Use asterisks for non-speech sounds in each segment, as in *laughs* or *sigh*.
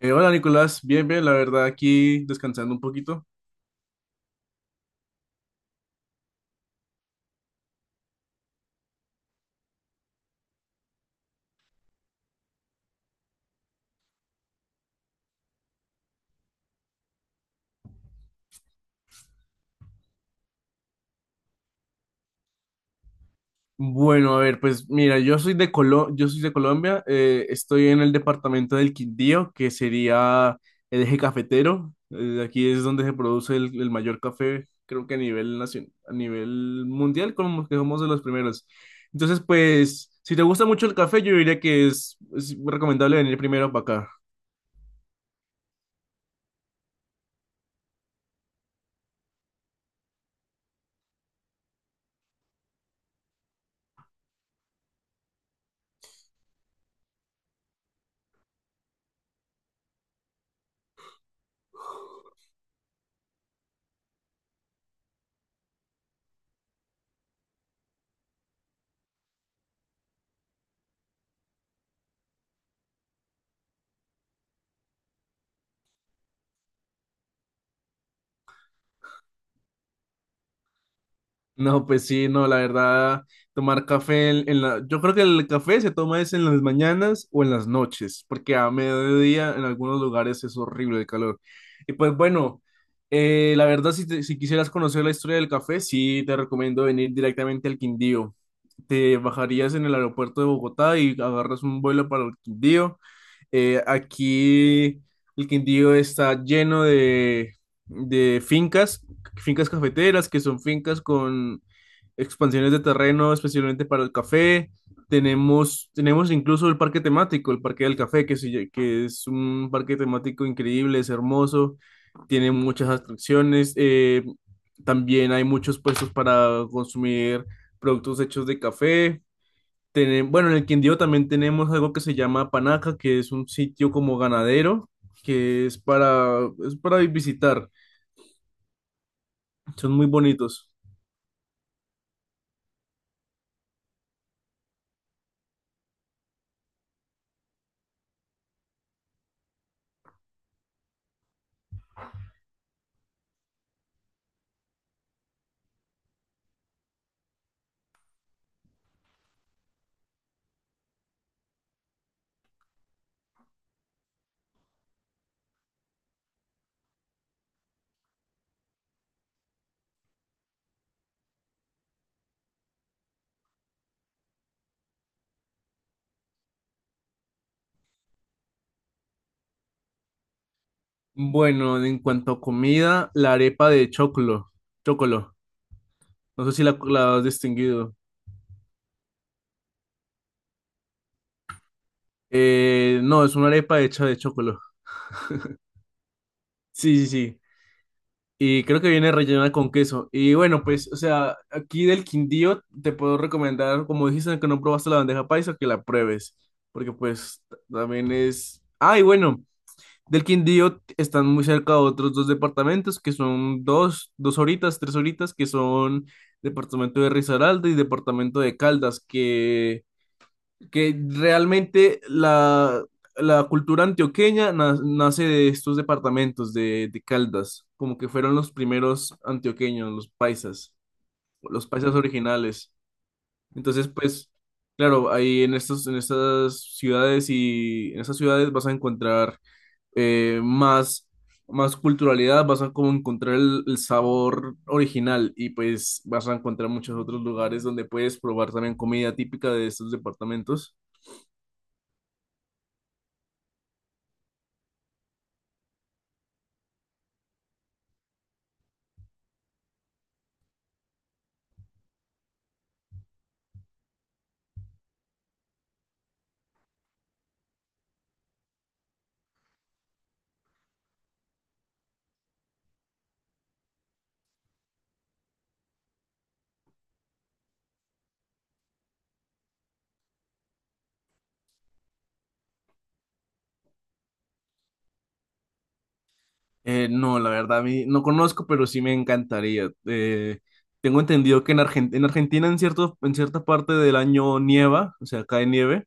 Hola Nicolás, bien, bien, la verdad aquí descansando un poquito. Bueno, a ver, pues mira, yo soy de Colombia. Estoy en el departamento del Quindío, que sería el eje cafetero. Aquí es donde se produce el mayor café, creo que a nivel mundial, como que somos de los primeros. Entonces, pues, si te gusta mucho el café, yo diría que es recomendable venir primero para acá. No, pues sí, no, la verdad, tomar café en yo creo que el café se toma es en las mañanas o en las noches, porque a mediodía en algunos lugares es horrible el calor. Y pues bueno, la verdad, si quisieras conocer la historia del café, sí te recomiendo venir directamente al Quindío. Te bajarías en el aeropuerto de Bogotá y agarras un vuelo para el Quindío. Aquí el Quindío está lleno de fincas, fincas cafeteras, que son fincas con expansiones de terreno especialmente para el café. Tenemos incluso el parque temático, el Parque del Café, que es un parque temático increíble, es hermoso, tiene muchas atracciones. También hay muchos puestos para consumir productos hechos de café bueno, en el Quindío también tenemos algo que se llama Panaca, que es un sitio como ganadero, que es para, es para visitar. Son muy bonitos. Bueno, en cuanto a comida, la arepa de choclo, chocolo. No sé si la has distinguido. No, es una arepa hecha de chocolo. Sí, sí, sí. Y creo que viene rellena con queso. Y bueno, pues, o sea, aquí del Quindío te puedo recomendar, como dijiste que no probaste la bandeja paisa, que la pruebes. Porque pues también es... Ah, y bueno, del Quindío están muy cerca otros dos departamentos, que son dos, dos horitas, tres horitas, que son departamento de Risaralda y departamento de Caldas, que realmente la cultura nace de estos departamentos de Caldas, como que fueron los primeros antioqueños, los paisas originales. Entonces, pues, claro, ahí en estas ciudades y en esas ciudades vas a encontrar eh, más, más culturalidad, vas a como encontrar el sabor original y pues vas a encontrar muchos otros lugares donde puedes probar también comida típica de estos departamentos. No, la verdad, a mí no conozco, pero sí me encantaría. Tengo entendido en Argentina en en cierta parte del año nieva, o sea, cae nieve.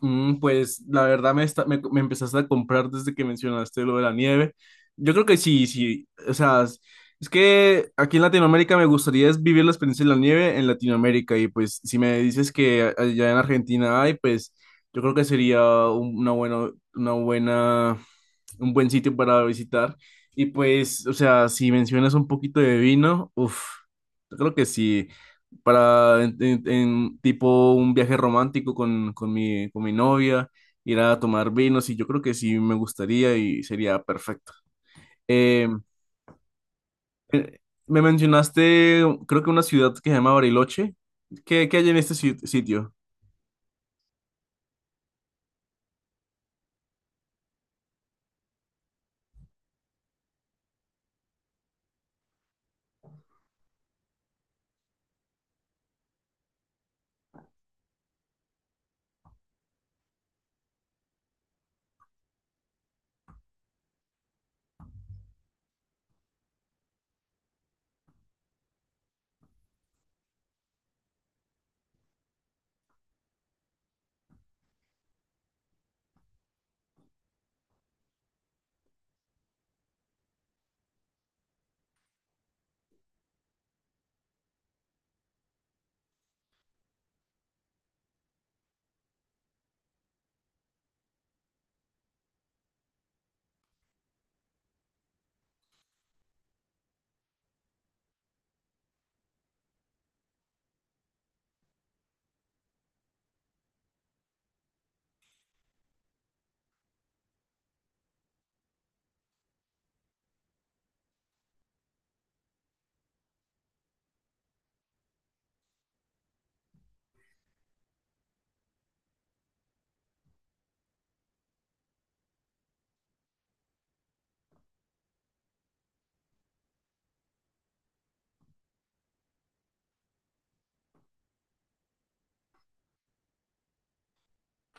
Mm, pues la verdad me empezaste a comprar desde que mencionaste lo de la nieve. Yo creo que sí, sí. O sea, es que aquí en Latinoamérica me gustaría es vivir la experiencia de la nieve en Latinoamérica. Y pues si me dices que allá en Argentina hay, pues yo creo que sería una buena, un buen sitio para visitar. Y pues, o sea, si mencionas un poquito de vino, uff, yo creo que sí para en tipo un viaje romántico con, con mi novia, ir a tomar vinos y yo creo que sí me gustaría y sería perfecto. Eh, me mencionaste, creo que una ciudad que se llama Bariloche. ¿Qué, qué hay en este sitio?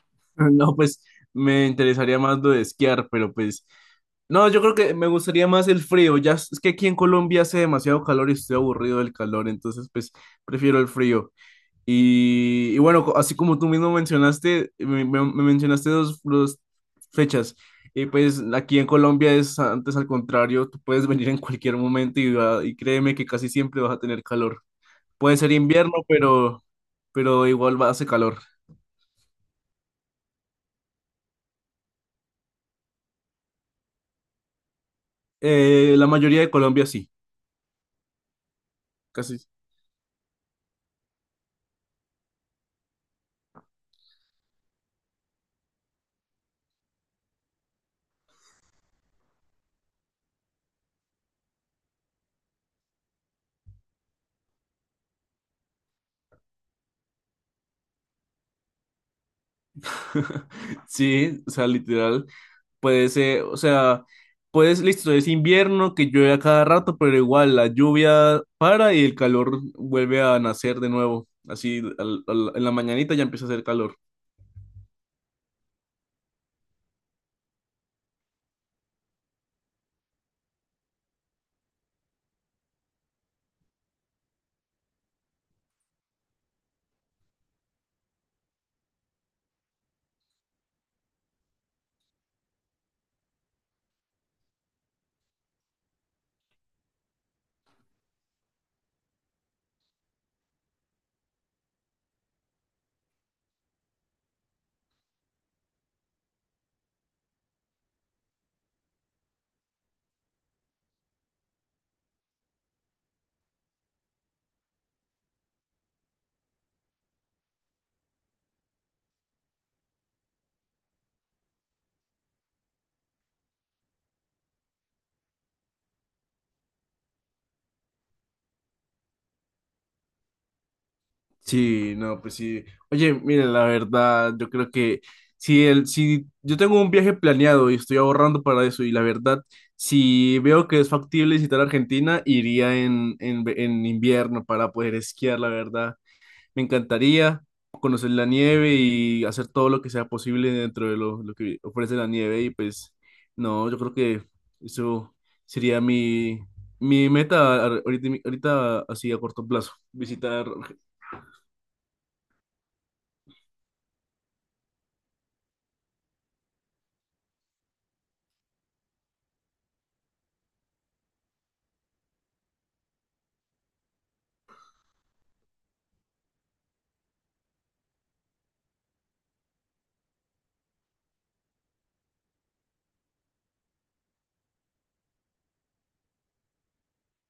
*laughs* No, pues me interesaría más lo de esquiar, pero pues... No, yo creo que me gustaría más el frío. Ya es que aquí en Colombia hace demasiado calor y estoy aburrido del calor, entonces pues prefiero el frío. Y bueno, así como tú mismo mencionaste, me mencionaste dos, dos fechas. Y pues aquí en Colombia es antes al contrario, tú puedes venir en cualquier momento y, y créeme que casi siempre vas a tener calor. Puede ser invierno, pero igual va, hace calor. La mayoría de Colombia sí, casi. *laughs* Sí, o sea, literal. Puede ser, o sea, puedes, listo, es invierno que llueve a cada rato, pero igual la lluvia para y el calor vuelve a nacer de nuevo. Así, en la mañanita ya empieza a hacer calor. Sí, no, pues sí. Oye, mire la verdad, yo creo que si yo tengo un viaje planeado y estoy ahorrando para eso, y la verdad, si veo que es factible visitar Argentina, iría en invierno para poder esquiar, la verdad. Me encantaría conocer la nieve y hacer todo lo que sea posible dentro de lo que ofrece la nieve. Y pues, no, yo creo que eso sería mi, ahorita, ahorita así a corto plazo. Visitar.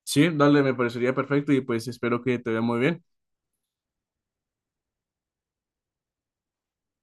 Sí, dale, me parecería perfecto y pues espero que te vea muy bien.